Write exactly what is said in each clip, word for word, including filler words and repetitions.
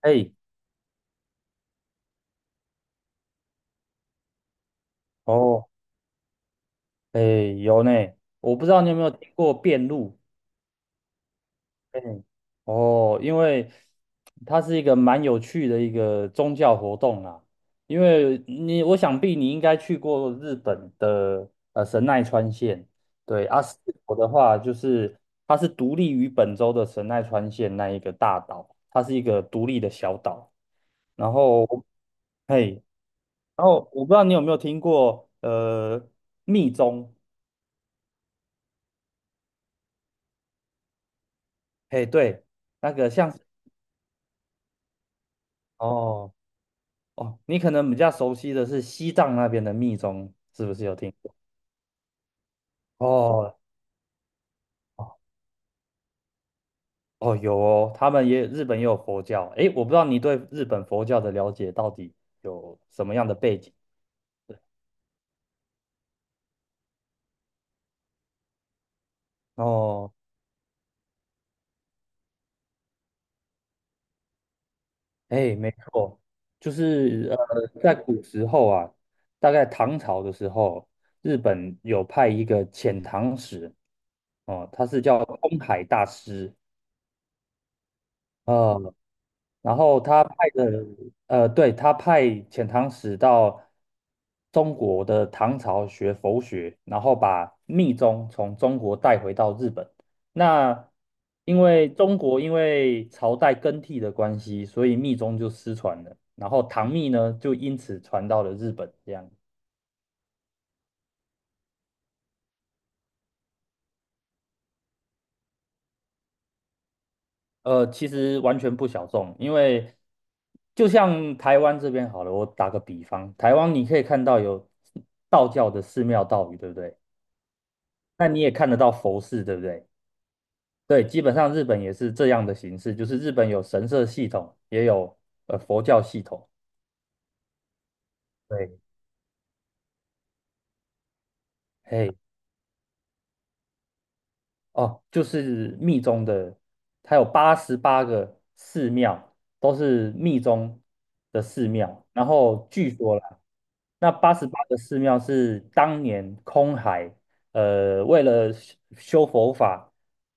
哎，哦，哎，有呢。我不知道你有没有听过遍路。哎，哦，因为它是一个蛮有趣的一个宗教活动啦。因为你，我想必你应该去过日本的呃神奈川县。对。啊，四国的话就是它是独立于本州的神奈川县那一个大岛，它是一个独立的小岛。然后，嘿，然后我不知道你有没有听过呃密宗。嘿，对，那个像是哦哦，你可能比较熟悉的是西藏那边的密宗，是不是有听过？哦哦哦，有哦。他们也日本也有佛教。诶，我不知道你对日本佛教的了解到底有什么样的背景？对哦。诶，没错。就是呃，在古时候啊，大概唐朝的时候，日本有派一个遣唐使哦，他是叫空海大师。啊。然后他派的，呃，对，他派遣唐使到中国的唐朝学佛学，然后把密宗从中国带回到日本。那因为中国因为朝代更替的关系，所以密宗就失传了，然后唐密呢就因此传到了日本，这样。呃，其实完全不小众，因为就像台湾这边好了，我打个比方。台湾你可以看到有道教的寺庙道宇，对不对？那你也看得到佛寺，对不对？对。基本上日本也是这样的形式，就是日本有神社系统，也有呃佛教系统。对。嘿，哦，就是密宗的，它有八十八个寺庙，都是密宗的寺庙。然后据说啦，那八十八个寺庙是当年空海，呃，为了修修佛法，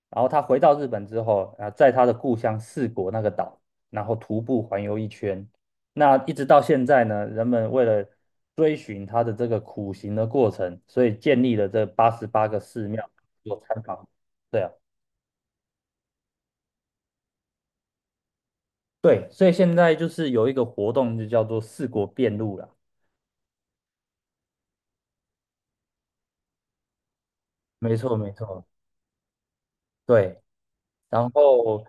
然后他回到日本之后，啊，在他的故乡四国那个岛，然后徒步环游一圈。那一直到现在呢，人们为了追寻他的这个苦行的过程，所以建立了这八十八个寺庙。做参访。对啊。对，所以现在就是有一个活动，就叫做四国遍路啦。没错，没错，对。然后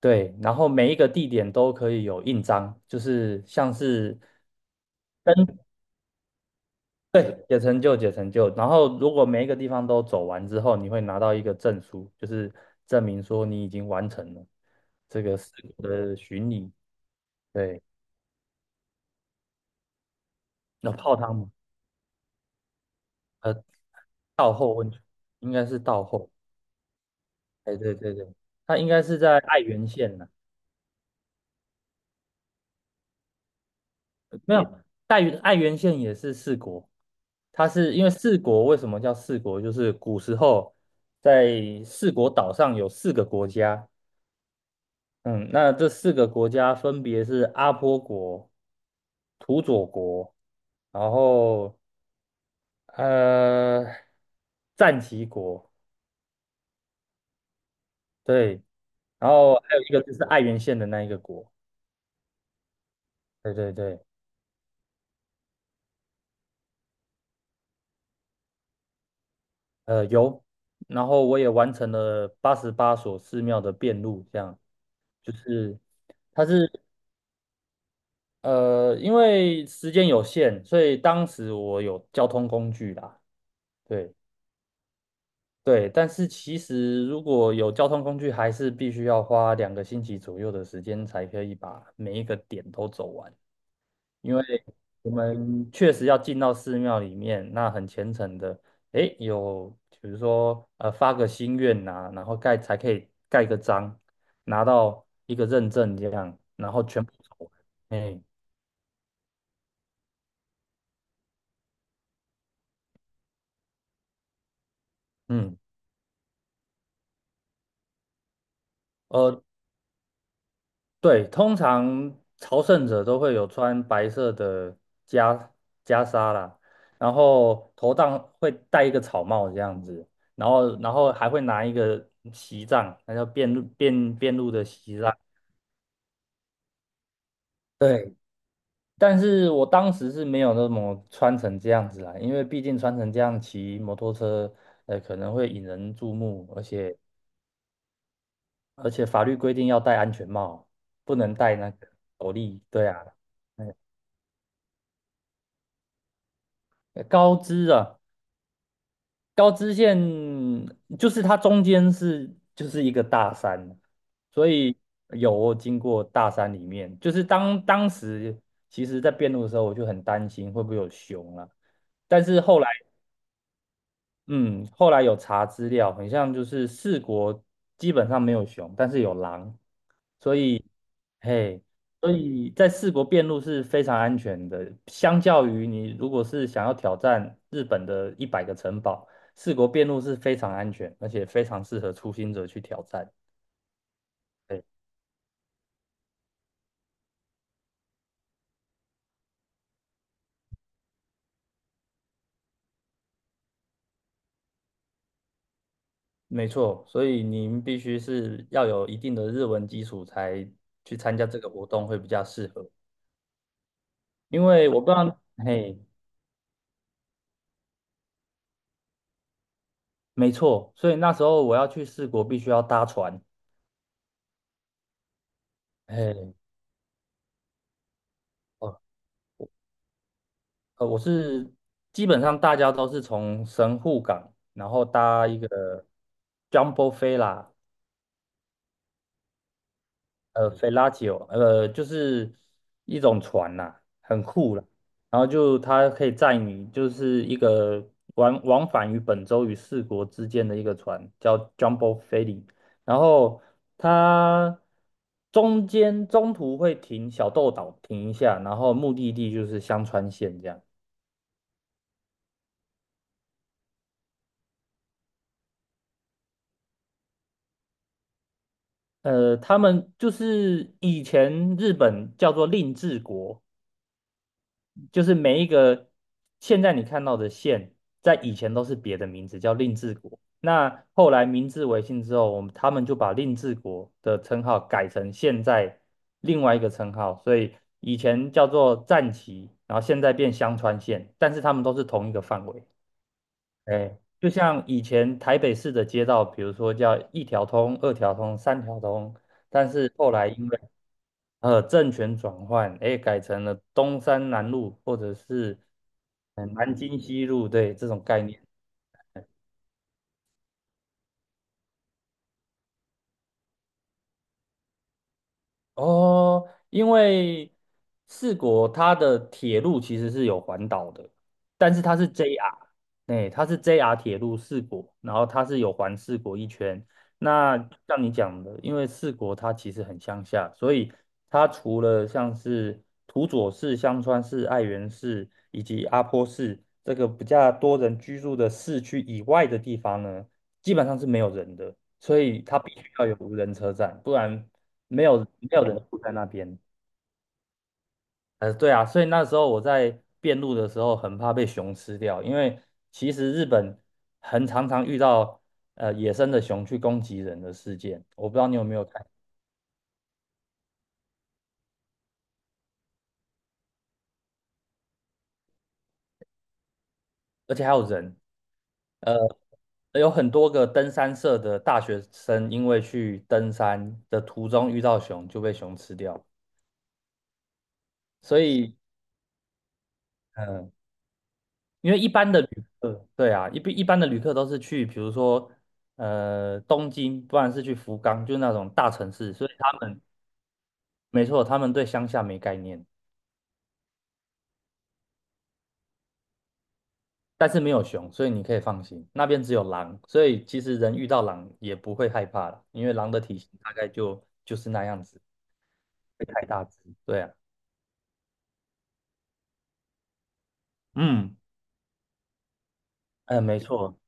对，然后每一个地点都可以有印章，就是像是跟对，解成就解成就。然后如果每一个地方都走完之后，你会拿到一个证书，就是证明说你已经完成了这个四国的巡礼。对。那泡汤吗？呃，道后温泉应该是道后。哎，对对对，它应该是在爱媛县呢。没有。爱媛爱媛县也是四国，它是因为四国为什么叫四国？就是古时候在四国岛上有四个国家。嗯，那这四个国家分别是阿波国、土佐国，然后呃战旗国。对，然后还有一个就是爱媛县的那一个国。对对对。呃有，然后我也完成了八十八所寺庙的遍路，这样就是。它是呃，因为时间有限，所以当时我有交通工具啦。对对。但是其实如果有交通工具，还是必须要花两个星期左右的时间才可以把每一个点都走完，因为我们确实要进到寺庙里面，那很虔诚的。诶，有比如说呃发个心愿呐、然后盖才可以盖个章，拿到一个认证这样，然后全部走完。诶。嗯。呃，对，通常朝圣者都会有穿白色的袈袈裟啦，然后头上会戴一个草帽这样子，然后然后还会拿一个旗杖，那叫辩路辩辩路的旗杖。对。但是我当时是没有那么穿成这样子啦，因为毕竟穿成这样骑摩托车，呃，可能会引人注目，而且而且法律规定要戴安全帽，不能戴那个斗笠。对啊。嗯高知啊。高知县就是它中间是就是一个大山，所以有经过大山里面，就是当当时其实在辩路的时候，我就很担心会不会有熊啊。但是后来嗯，后来有查资料，很像就是四国基本上没有熊，但是有狼。嘿，所以在四国遍路是非常安全的，相较于你如果是想要挑战日本的一百个城堡，四国遍路是非常安全，而且非常适合初心者去挑战。对，没错，所以您必须是要有一定的日文基础才去参加这个活动会比较适合。因为我不知道。嘿，没错，所以那时候我要去四国必须要搭船。嘿。哦。呃，我是基本上大家都是从神户港，然后搭一个 Jumbo Fella，呃，Fellatio，呃，就是一种船啦，很酷啦。然后就它可以载你，就是一个往往返于本州与四国之间的一个船，叫 Jumbo f e r r， 然后它中间中途会停小豆岛停一下，然后目的地就是香川县这样。呃，他们就是以前日本叫做令制国，就是每一个现在你看到的县，在以前都是别的名字叫令制国。那后来明治维新之后，我们他们就把令制国的称号改成现在另外一个称号，所以以前叫做战旗，然后现在变香川县，但是他们都是同一个范围。哎，就像以前台北市的街道，比如说叫一条通、二条通、三条通，但是后来因为呃政权转换。哎，改成了东山南路或者是呃南京西路。对，这种概念。哦，因为四国它的铁路其实是有环岛的，但是它是 J R。哎，它是 J R 铁路四国，然后它是有环四国一圈。那像你讲的，因为四国它其实很乡下，所以它除了像是土佐市、香川市、爱媛市以及阿波市这个比较多人居住的市区以外的地方呢，基本上是没有人的。所以它必须要有无人车站，不然没有，没有人住在那边。呃，对啊，所以那时候我在遍路的时候很怕被熊吃掉，因为其实日本很常常遇到呃野生的熊去攻击人的事件。我不知道你有没有看，而且还有人。呃，有很多个登山社的大学生因为去登山的途中遇到熊就被熊吃掉。所以嗯、呃因为一般的旅客，对啊，一一般的旅客都是去，比如说呃东京，不然是去福冈，就是那种大城市，所以他们。没错，他们对乡下没概念。但是没有熊，所以你可以放心，那边只有狼，所以其实人遇到狼也不会害怕了，因为狼的体型大概就就是那样子，不会太大只。对啊。嗯。呃，没错，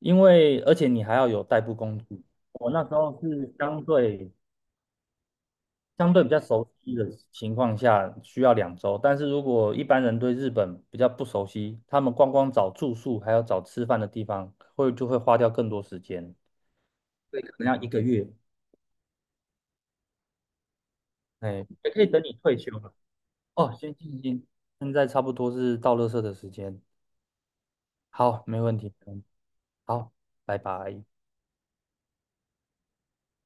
因为而且你还要有代步工具，我那时候是相对相对比较熟悉的情况下需要两周，但是如果一般人对日本比较不熟悉，他们光光找住宿还有找吃饭的地方，会就会花掉更多时间，以可能要一个月。哎，也可以等你退休了。哦，先静一静，现在差不多是到垃圾的时间。好，没问题。嗯好，拜拜。